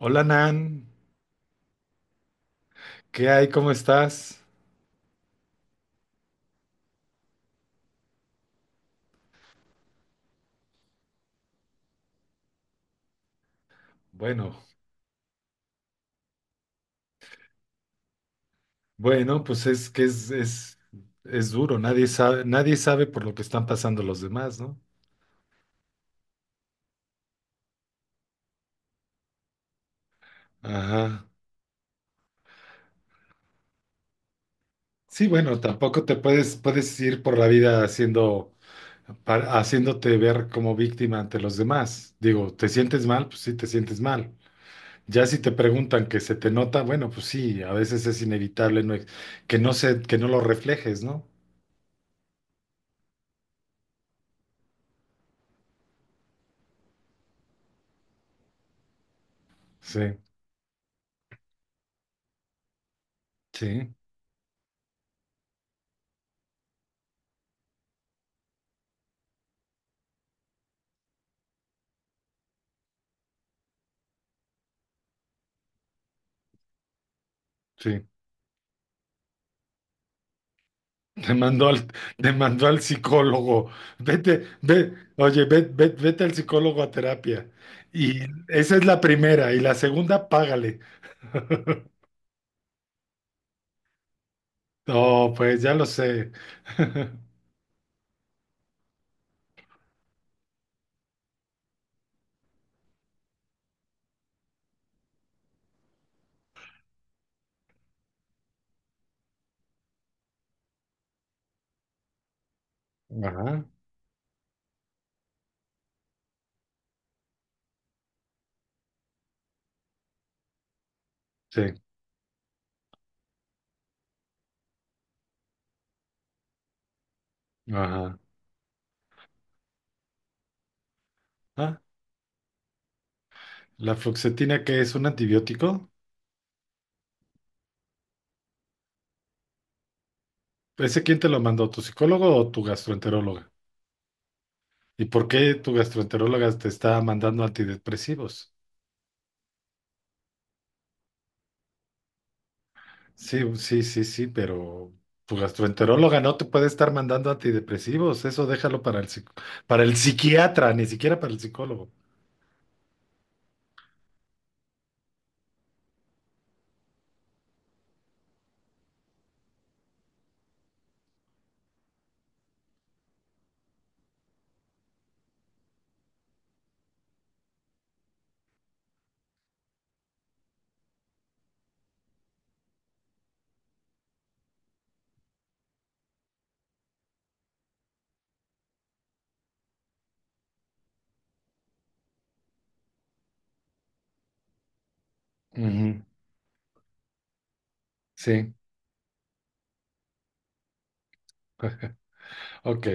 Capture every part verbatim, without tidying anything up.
Hola Nan, ¿qué hay? ¿Cómo estás? Bueno, bueno, pues es que es, es, es duro, nadie sabe, nadie sabe por lo que están pasando los demás, ¿no? Ajá. Sí, bueno, tampoco te puedes, puedes ir por la vida haciendo, pa- haciéndote ver como víctima ante los demás. Digo, ¿te sientes mal? Pues sí, te sientes mal. Ya si te preguntan que se te nota, bueno, pues sí, a veces es inevitable no ex- que no se, que no lo reflejes, ¿no? Sí, sí, sí. Te mandó al, te mandó al psicólogo. Vete, ve, oye, ve- ve- vete al psicólogo a terapia. Y esa es la primera. Y la segunda, págale. No, pues ya lo sé. Ajá, sí, ajá. Ah, ¿la fluoxetina, que es un antibiótico? ¿Ese quién te lo mandó? ¿Tu psicólogo o tu gastroenteróloga? ¿Y por qué tu gastroenteróloga te está mandando antidepresivos? Sí, sí, sí, sí, pero tu gastroenteróloga no te puede estar mandando antidepresivos, eso déjalo para el, psic- para el psiquiatra, ni siquiera para el psicólogo. Ujú, sí, ok,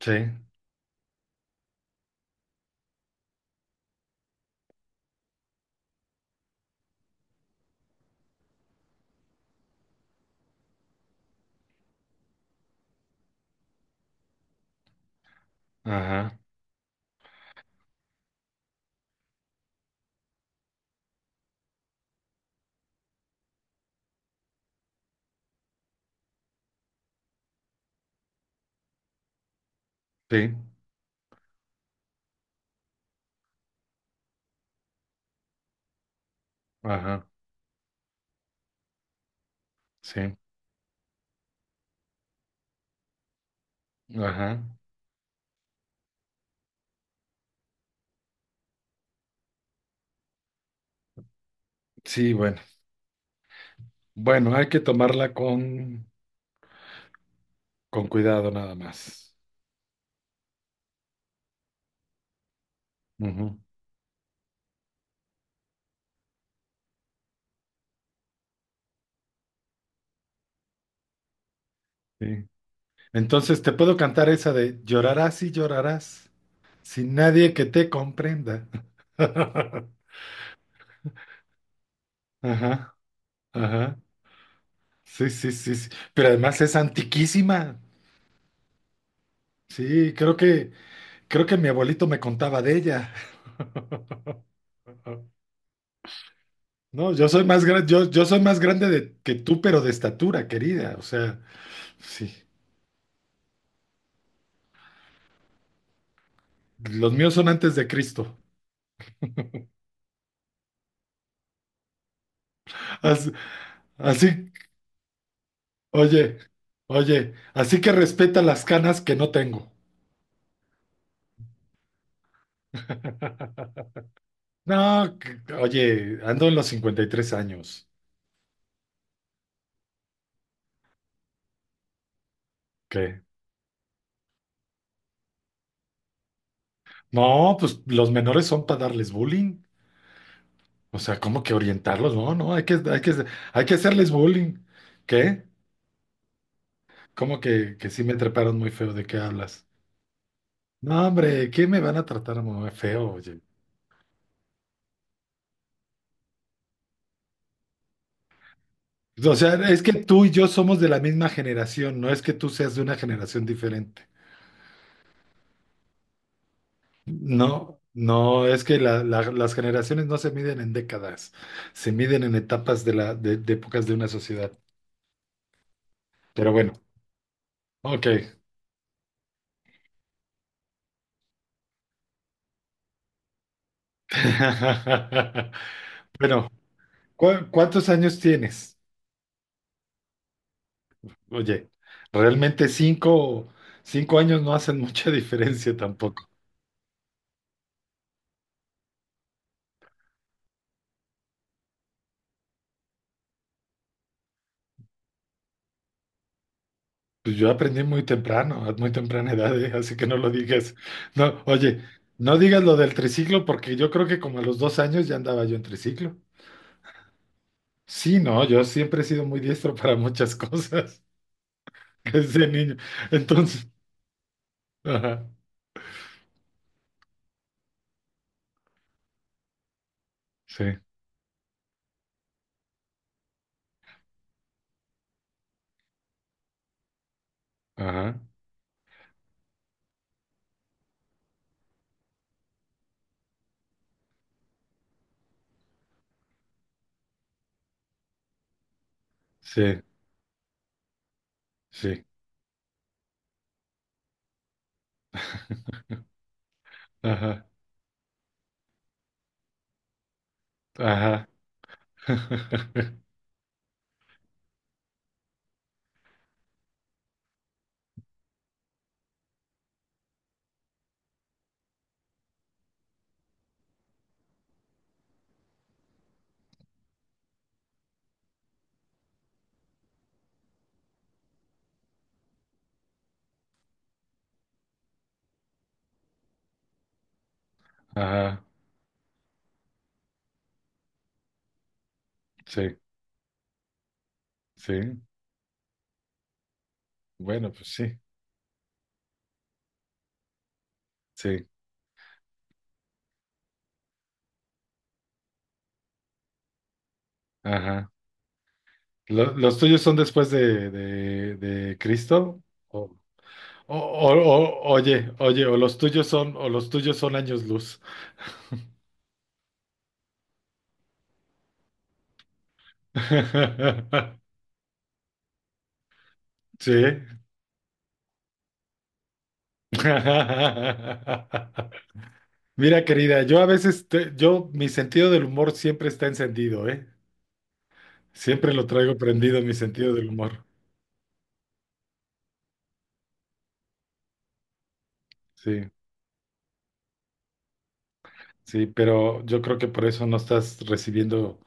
sí, ajá, sí, ajá, sí, ajá, sí, bueno, bueno, hay que tomarla con, con cuidado nada más. Ujú, sí. Entonces, te puedo cantar esa de llorarás y llorarás sin nadie que te comprenda. Ajá. Ajá. Sí, sí, sí, sí. Pero además es antiquísima. Sí, creo que, creo que mi abuelito me contaba de ella. No, yo soy más grande, yo, yo soy más grande de, que tú, pero de estatura, querida. O sea, sí. Los míos son antes de Cristo. As- Así, oye, oye, así que respeta las canas que no tengo. No, que- oye, ando en los cincuenta y tres años. ¿Qué? No, pues los menores son para darles bullying. O sea, ¿cómo que orientarlos? No, no, hay que, hay que, hay que hacerles bullying. ¿Qué? ¿Cómo que, que sí me treparon muy feo? ¿De qué hablas? No, hombre, ¿qué me van a tratar muy feo, oye? O sea, es que tú y yo somos de la misma generación, no es que tú seas de una generación diferente. No, no, es que la- la- las generaciones no se miden en décadas, se miden en etapas de la, de, de épocas de una sociedad. Pero bueno, ok. Bueno, ¿cu- cuántos años tienes? Oye, realmente cinco, cinco años no hacen mucha diferencia tampoco. Pues yo aprendí muy temprano, a muy temprana edad, ¿eh? Así que no lo digas. No, oye, no digas lo del triciclo porque yo creo que como a los dos años ya andaba yo en triciclo. Sí, no, yo siempre he sido muy diestro para muchas cosas desde niño. Entonces, ajá, sí, ajá, sí, sí, ajá, ajá, ajá, sí, sí. Bueno, pues sí, sí. Ajá. ¿Lo- ¿Los tuyos son después de, de, de Cristo? O, o- o- o- Oye, oye, o los tuyos son, o los tuyos son años luz. Sí. Mira, querida, yo a veces, te- yo, mi sentido del humor siempre está encendido, ¿eh? Siempre lo traigo prendido, mi sentido del humor. Sí, sí, pero yo creo que por eso no estás recibiendo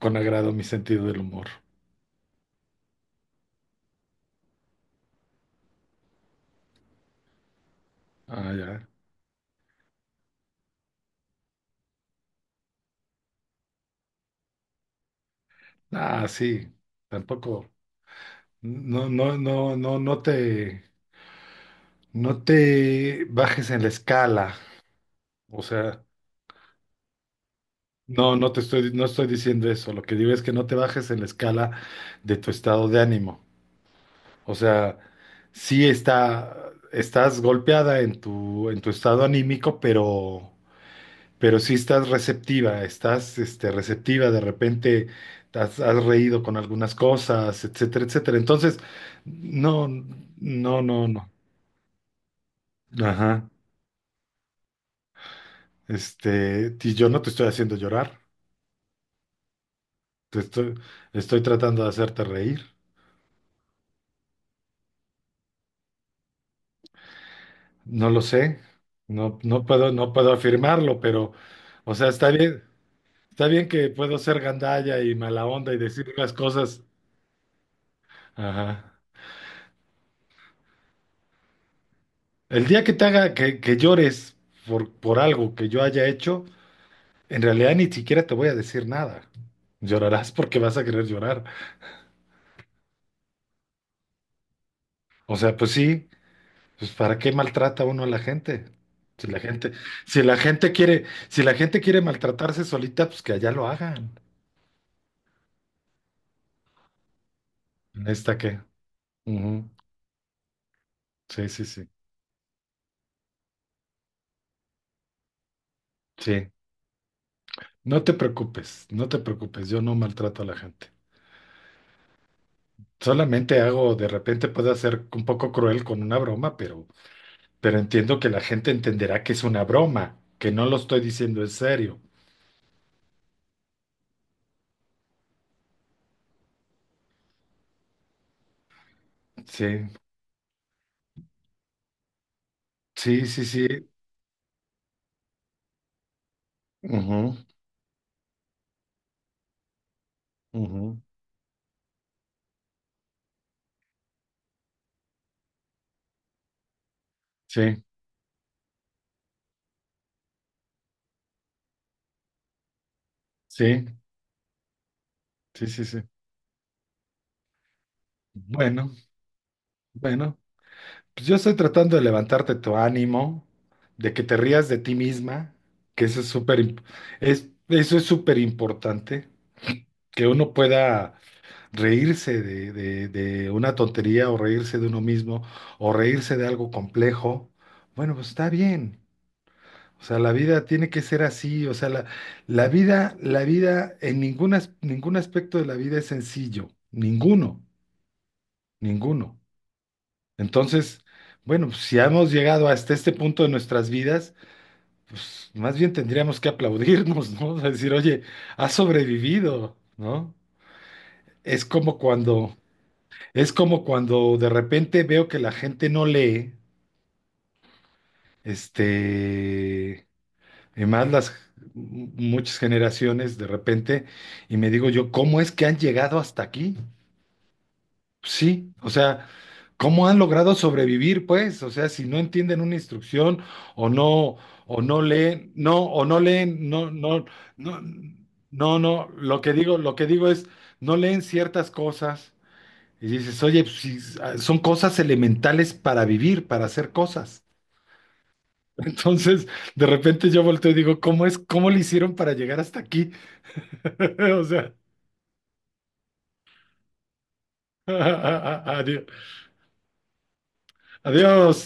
con agrado mi sentido del humor. Ah, ya. Ah, sí, tampoco. No, no, no, no, no te, no te bajes en la escala. O sea, no, no te estoy, no estoy diciendo eso. Lo que digo es que no te bajes en la escala de tu estado de ánimo. O sea, sí está, estás golpeada en tu, en tu estado anímico, pero, pero sí estás receptiva, estás, este, receptiva. De repente has, has reído con algunas cosas, etcétera, etcétera. Entonces, no, no, no, no. Ajá. Este, y yo no te estoy haciendo llorar, te estoy, estoy tratando de hacerte reír. No lo sé, no, no puedo, no puedo afirmarlo, pero, o sea, está bien, está bien que puedo ser gandalla y mala onda y decir las cosas. Ajá. El día que te haga que, que llores por, por algo que yo haya hecho, en realidad ni siquiera te voy a decir nada. Llorarás porque vas a querer llorar. O sea, pues sí. Pues ¿para qué maltrata uno a la gente? Si la gente, si la gente quiere, si la gente quiere maltratarse solita, pues que allá lo hagan. ¿En esta qué? Ujú. Sí, sí, sí. Sí. No te preocupes, no te preocupes, yo no maltrato a la gente. Solamente hago, de repente puedo ser un poco cruel con una broma, pero, pero entiendo que la gente entenderá que es una broma, que no lo estoy diciendo en serio. Sí, sí, sí, sí. Ujú, ujú. Sí, sí, sí, sí, sí. Bueno, bueno. Pues yo estoy tratando de levantarte tu ánimo, de que te rías de ti misma, que eso es súper, imp- es, eso es súper importante, que uno pueda reírse de, de- de una tontería o reírse de uno mismo o reírse de algo complejo. Bueno, pues está bien. O sea, la vida tiene que ser así. O sea, la, la vida, la vida, en ningún as- ningún aspecto de la vida es sencillo. Ninguno, ninguno. Entonces, bueno, pues, si hemos llegado hasta este punto de nuestras vidas, pues más bien tendríamos que aplaudirnos, ¿no? O sea, decir, oye, has sobrevivido, ¿no? Es como cuando, es como cuando de repente veo que la gente no lee, este, y más las muchas generaciones de repente, y me digo yo, ¿cómo es que han llegado hasta aquí? Sí, o sea, ¿cómo han logrado sobrevivir, pues? O sea, si no entienden una instrucción o no, o no leen, no, o no leen, no, no, no, no, no, lo que digo, lo que digo es, no leen ciertas cosas y dices, oye, pues, si s- ah, son cosas elementales para vivir, para hacer cosas. Entonces, de repente yo volteo y digo, ¿cómo es, cómo le hicieron para llegar hasta aquí? O sea, adiós. Adiós.